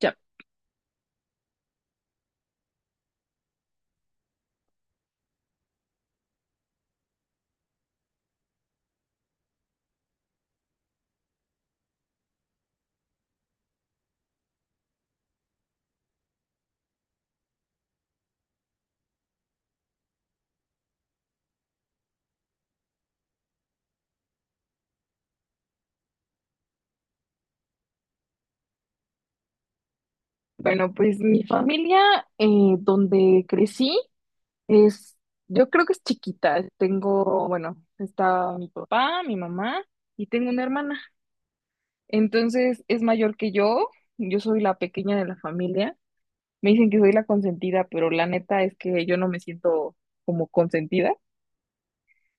Ya, bueno, pues mi familia eh, donde crecí es, yo creo que es chiquita. Tengo, bueno, está mi papá, mi mamá y tengo una hermana. Entonces es mayor que yo soy la pequeña de la familia. Me dicen que soy la consentida, pero la neta es que yo no me siento como consentida,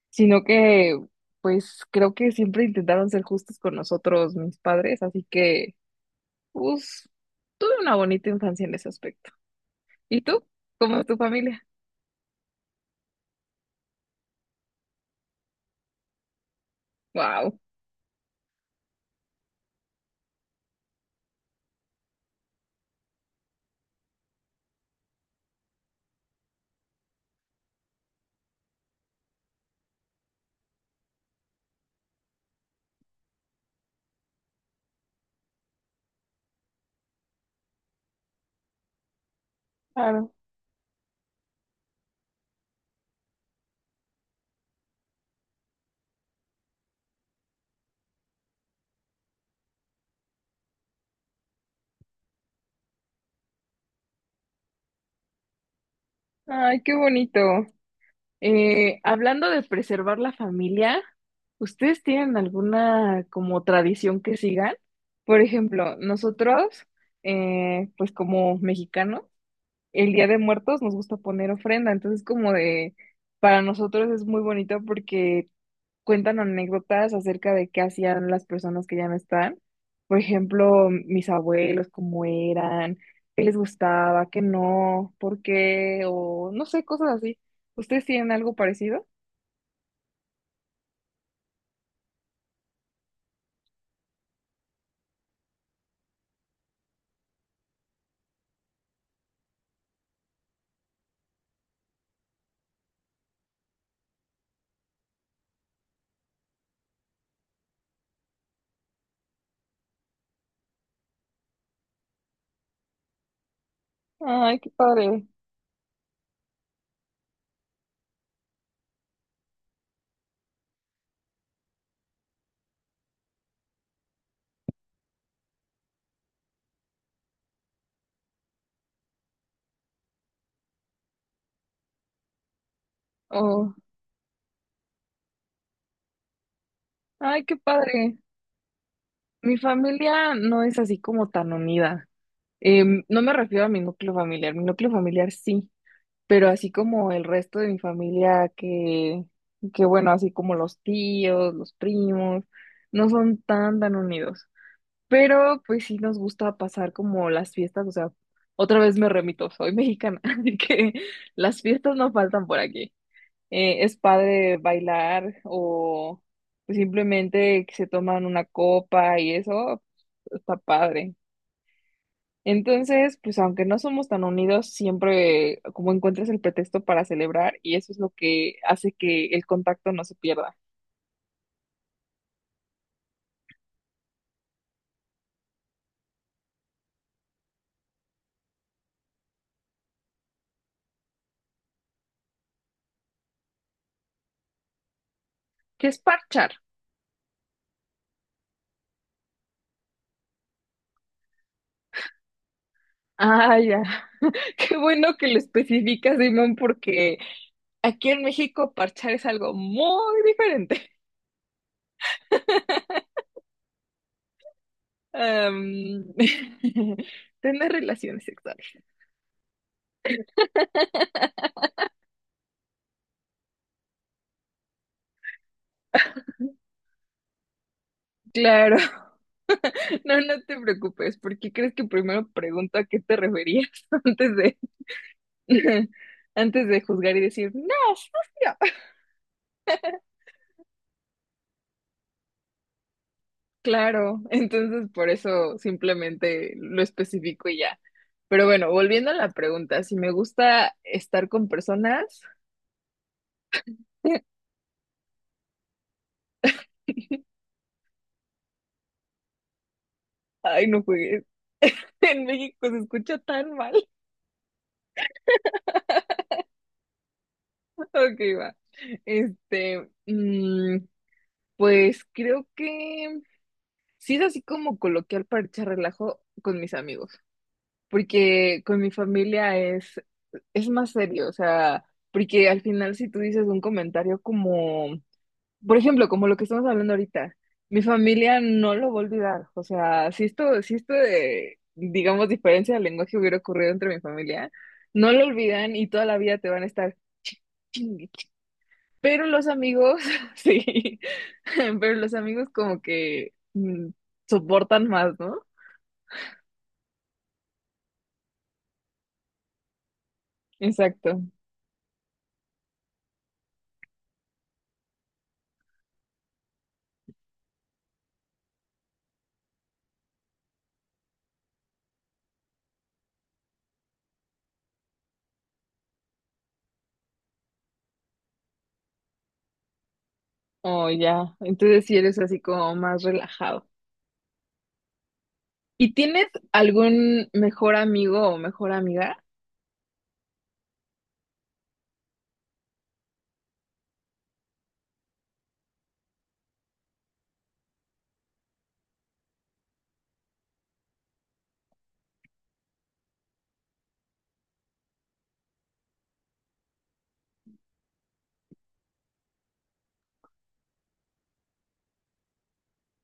sino que pues creo que siempre intentaron ser justos con nosotros, mis padres, así que pues tuve una bonita infancia en ese aspecto. ¿Y tú? ¿Cómo es tu familia? Wow. Claro. Ay, qué bonito. Hablando de preservar la familia, ¿ustedes tienen alguna como tradición que sigan? Por ejemplo, nosotros, pues como mexicanos, el Día de Muertos nos gusta poner ofrenda, entonces como de, para nosotros es muy bonito porque cuentan anécdotas acerca de qué hacían las personas que ya no están. Por ejemplo, mis abuelos, cómo eran, qué les gustaba, qué no, por qué, o no sé, cosas así. ¿Ustedes tienen algo parecido? Ay, qué padre. Oh, ay, qué padre. Mi familia no es así como tan unida. Em, no me refiero a mi núcleo familiar. Mi núcleo familiar sí. Pero así como el resto de mi familia, que bueno, así como los tíos, los primos, no son tan, tan unidos. Pero pues sí nos gusta pasar como las fiestas, o sea, otra vez me remito, soy mexicana, así que las fiestas no faltan por aquí. Es padre bailar o simplemente que se toman una copa y eso, está padre. Entonces, pues aunque no somos tan unidos, siempre como encuentras el pretexto para celebrar y eso es lo que hace que el contacto no se pierda. ¿Qué es parchar? Ah, ya. Qué bueno que lo especificas, Simón, porque aquí en México parchar es algo muy diferente. Am, tener relaciones sexuales. Claro. No, no te preocupes, porque crees que primero pregunto a qué te referías antes de antes de juzgar y decir, no, sucio. Claro, entonces por eso simplemente lo especifico y ya. Pero bueno, volviendo a la pregunta, si me gusta estar con personas, ay, no juegues. En México se escucha tan mal. Ok, va. Este, mm, pues creo que sí es así como coloquial para echar relajo con mis amigos, porque con mi familia es más serio, o sea, porque al final si tú dices un comentario como por ejemplo, como lo que estamos hablando ahorita, mi familia no lo va a olvidar. O sea, si esto, si esto de, digamos, diferencia de lenguaje hubiera ocurrido entre mi familia, no lo olvidan y toda la vida te van a estar ching, ching, ching. Pero los amigos, sí, pero los amigos como que mm, soportan más, ¿no? Exacto. Oh, ya. Entonces sí eres así como más relajado. ¿Y tienes algún mejor amigo o mejor amiga?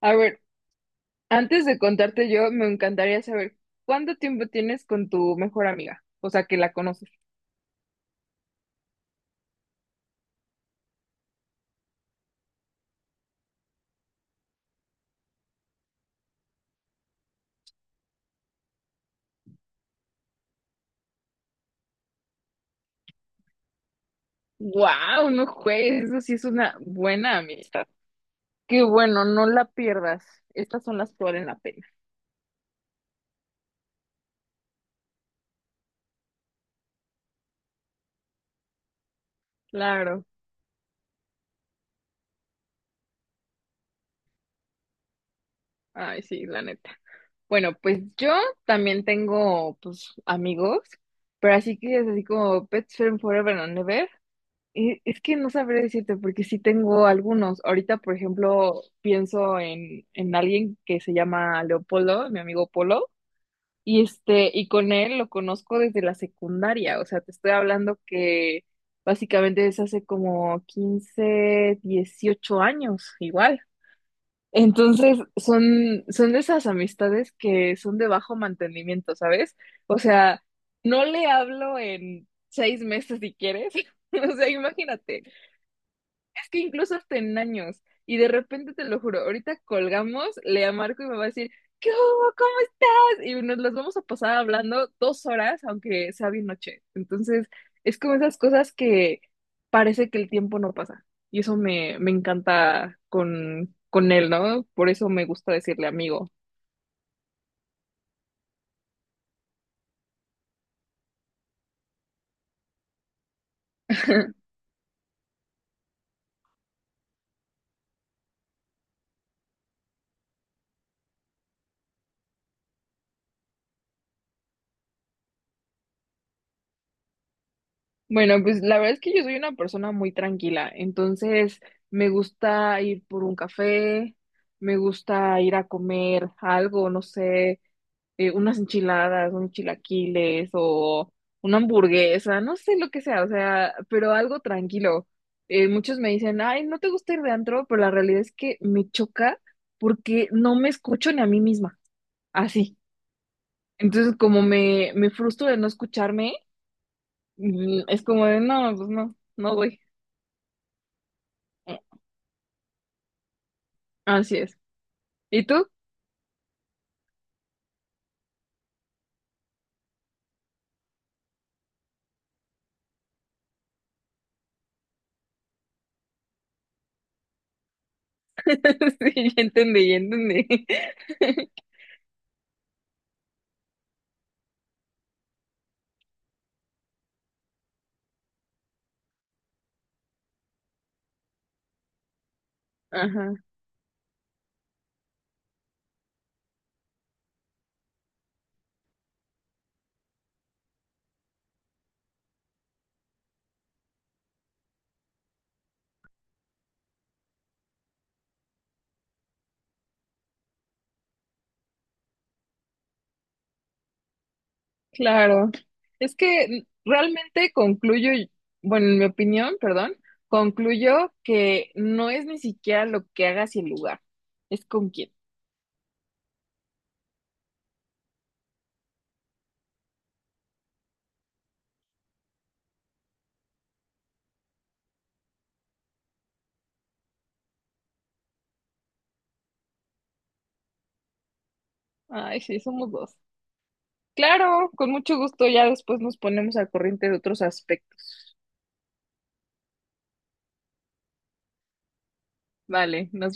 A ver, antes de contarte yo, me encantaría saber cuánto tiempo tienes con tu mejor amiga, o sea, que la conoces. Wow, no juegues, eso sí es una buena amistad. Qué bueno, no la pierdas. Estas son las que valen la pena. Claro. Ay, sí, la neta. Bueno, pues yo también tengo, pues, amigos, pero así que es así como Pets Friend Forever and Ever. Es que no sabré decirte porque sí tengo algunos. Ahorita, por ejemplo, pienso en alguien que se llama Leopoldo, mi amigo Polo, y este, y con él lo conozco desde la secundaria. O sea, te estoy hablando que básicamente es hace como 15 18 años, igual. Entonces, son, son de esas amistades que son de bajo mantenimiento, ¿sabes? O sea, no le hablo en 6 meses si quieres. O sea, imagínate. Es que incluso hasta en años. Y de repente, te lo juro, ahorita colgamos, le marco y me va a decir, ¿qué hubo? ¿Cómo estás? Y nos las vamos a pasar hablando 2 horas, aunque sea bien noche. Entonces, es como esas cosas que parece que el tiempo no pasa. Y eso me, me encanta con él, ¿no? Por eso me gusta decirle amigo. Bueno, pues la verdad es que yo soy una persona muy tranquila, entonces me gusta ir por un café, me gusta ir a comer algo, no sé, unas enchiladas, unos chilaquiles o una hamburguesa, no sé lo que sea, o sea, pero algo tranquilo. Muchos me dicen, ay, ¿no te gusta ir de antro? Pero la realidad es que me choca porque no me escucho ni a mí misma, así. Entonces, como me frustro de no escucharme, mm, es como de, no, pues no, no voy. Así es. ¿Y tú? Sí, ya entendí, ya entendí. Ajá, claro. Es que realmente concluyo, bueno, en mi opinión, perdón, concluyo que no es ni siquiera lo que hagas y el lugar, es con quién. Ay, sí, somos dos. Claro, con mucho gusto, ya después nos ponemos al corriente de otros aspectos. Vale, nos